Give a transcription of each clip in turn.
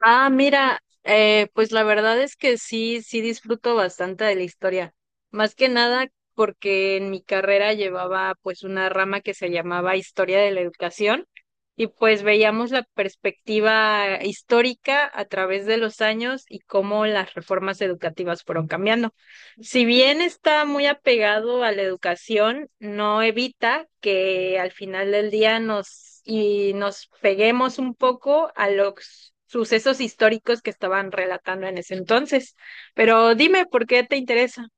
Ah, mira, pues la verdad es que sí, sí disfruto bastante de la historia. Más que nada porque en mi carrera llevaba pues una rama que se llamaba Historia de la Educación y pues veíamos la perspectiva histórica a través de los años y cómo las reformas educativas fueron cambiando. Si bien está muy apegado a la educación, no evita que al final del día nos y nos peguemos un poco a los sucesos históricos que estaban relatando en ese entonces. Pero dime, ¿por qué te interesa?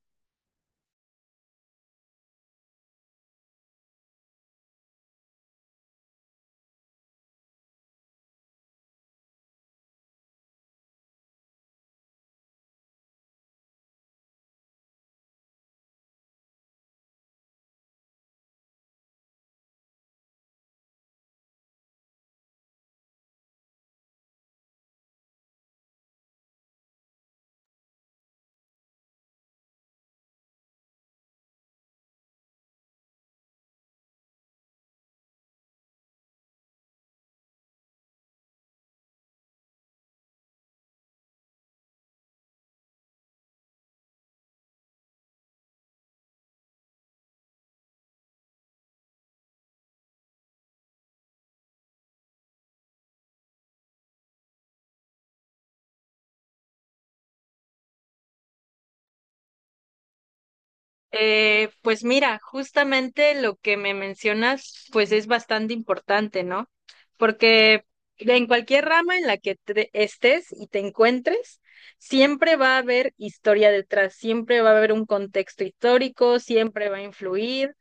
Pues mira, justamente lo que me mencionas, pues es bastante importante, ¿no? Porque en cualquier rama en la que estés y te encuentres, siempre va a haber historia detrás, siempre va a haber un contexto histórico, siempre va a influir.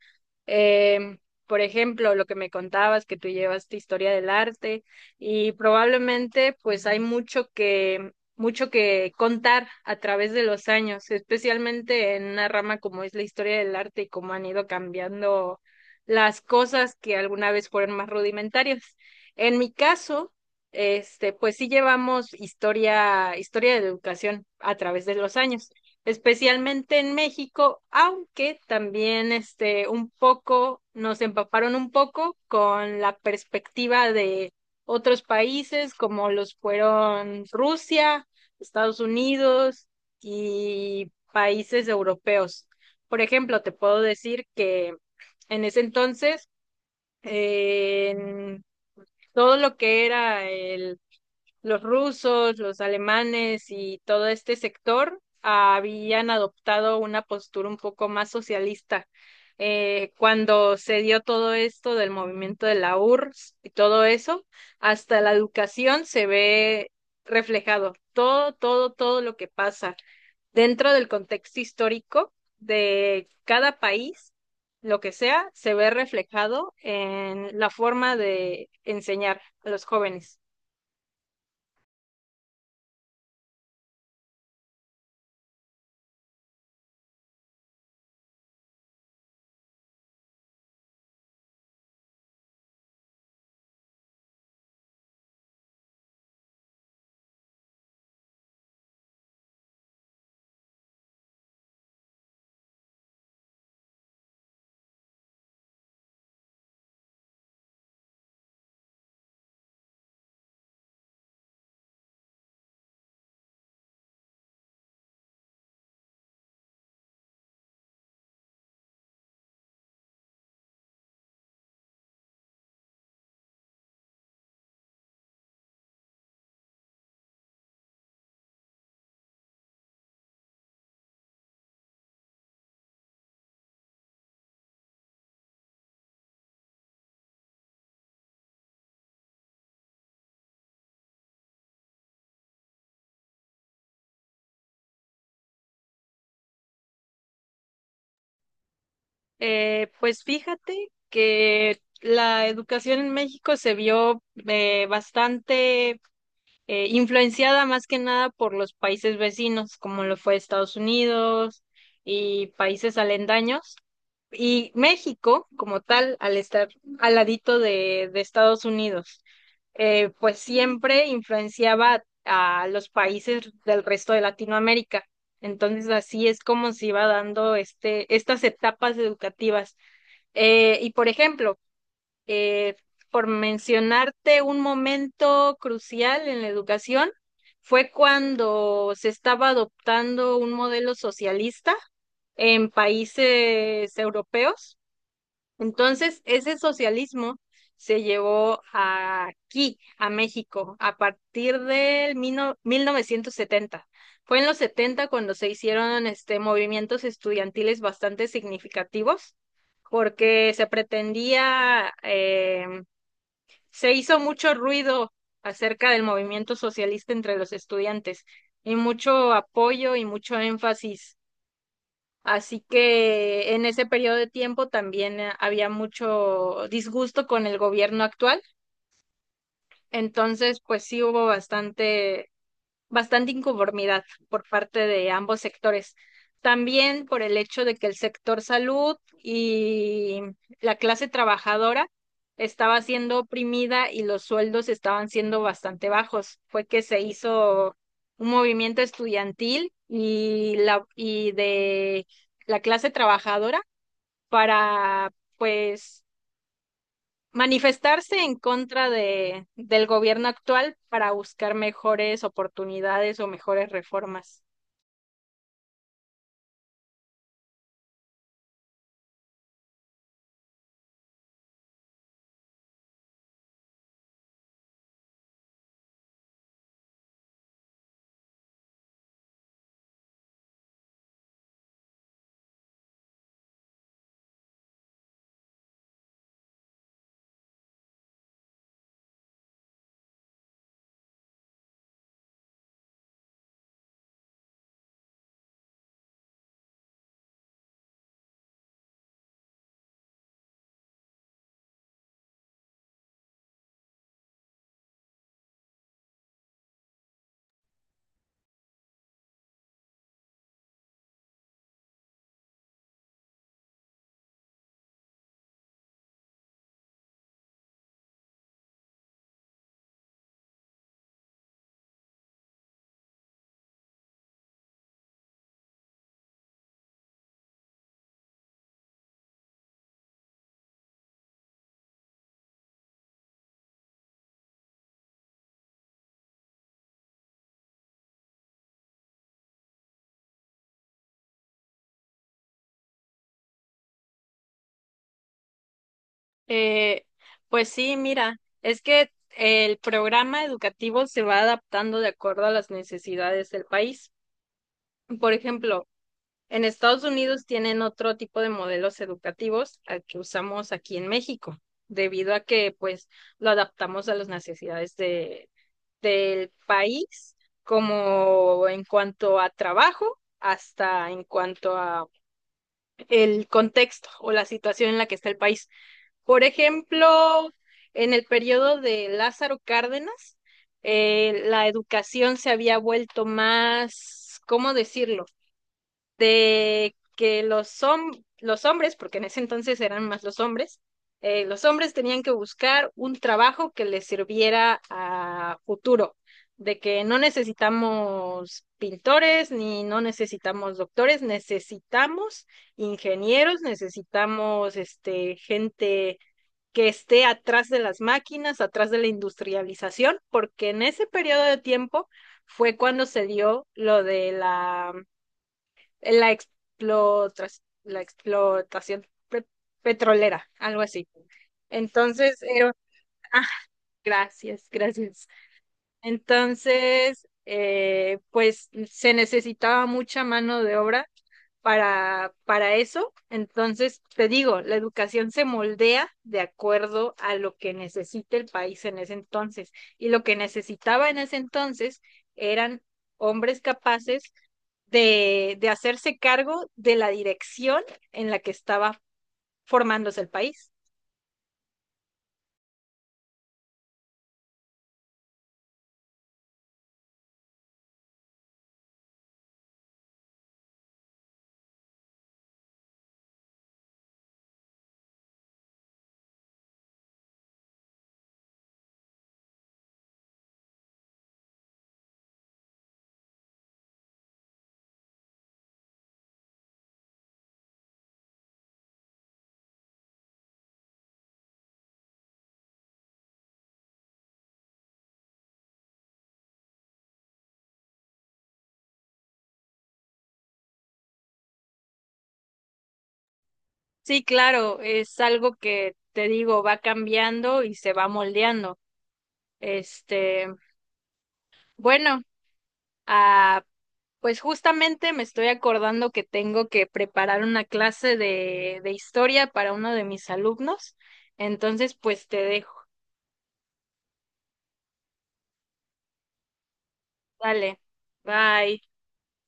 Em, por ejemplo, lo que me contabas, que tú llevas tu historia del arte y probablemente pues hay mucho que contar a través de los años, especialmente en una rama como es la historia del arte y cómo han ido cambiando las cosas que alguna vez fueron más rudimentarias. En mi caso, este, pues sí llevamos historia de educación a través de los años, especialmente en México, aunque también este, un poco nos empaparon un poco con la perspectiva de otros países como los fueron Rusia, Estados Unidos y países europeos. Por ejemplo, te puedo decir que en ese entonces, en todo lo que era el los rusos, los alemanes y todo este sector habían adoptado una postura un poco más socialista. Cuando se dio todo esto del movimiento de la URSS y todo eso, hasta la educación se ve reflejado. Todo, todo, todo lo que pasa dentro del contexto histórico de cada país, lo que sea, se ve reflejado en la forma de enseñar a los jóvenes. Pues fíjate que la educación en México se vio bastante influenciada más que nada por los países vecinos, como lo fue Estados Unidos y países alendaños. Y México, como tal, al estar al ladito de Estados Unidos, pues siempre influenciaba a los países del resto de Latinoamérica. Entonces, así es como se iba dando este, estas etapas educativas. Por ejemplo, eh, por mencionarte un momento crucial en la educación, fue cuando se estaba adoptando un modelo socialista en países europeos. Entonces, ese socialismo se llevó aquí, a México, a partir del mil mil no 1970. Fue en los 70 cuando se hicieron este, movimientos estudiantiles bastante significativos porque se pretendía se hizo mucho ruido acerca del movimiento socialista entre los estudiantes y mucho apoyo y mucho énfasis. Así que en ese periodo de tiempo también había mucho disgusto con el gobierno actual. Entonces, pues sí hubo bastante inconformidad por parte de ambos sectores. También por el hecho de que el sector salud y la clase trabajadora estaba siendo oprimida y los sueldos estaban siendo bastante bajos. Fue que se hizo un movimiento estudiantil y la y de la clase trabajadora para pues manifestarse en contra del gobierno actual para buscar mejores oportunidades o mejores reformas. Eh, pues sí, mira, es que el programa educativo se va adaptando de acuerdo a las necesidades del país. Por ejemplo, en Estados Unidos tienen otro tipo de modelos educativos al que usamos aquí en México, debido a que pues lo adaptamos a las necesidades del país, como en cuanto a trabajo, hasta en cuanto a el contexto o la situación en la que está el país. Por ejemplo, en el periodo de Lázaro Cárdenas, la educación se había vuelto más, ¿cómo decirlo? De que los hombres, porque en ese entonces eran más los hombres tenían que buscar un trabajo que les sirviera a futuro, de que no necesitamos pintores ni no necesitamos doctores, necesitamos ingenieros, necesitamos este, gente que esté atrás de las máquinas, atrás de la industrialización, porque en ese periodo de tiempo fue cuando se dio lo de la la explotación petrolera, algo así. Entonces, ah, gracias, gracias. Entonces, pues se necesitaba mucha mano de obra para eso. Entonces, te digo, la educación se moldea de acuerdo a lo que necesita el país en ese entonces. Y lo que necesitaba en ese entonces eran hombres capaces de hacerse cargo de la dirección en la que estaba formándose el país. Sí, claro, es algo que te digo, va cambiando y se va moldeando. Este, bueno, ah, pues justamente me estoy acordando que tengo que preparar una clase de historia para uno de mis alumnos. Entonces, pues te dejo. Dale. Bye.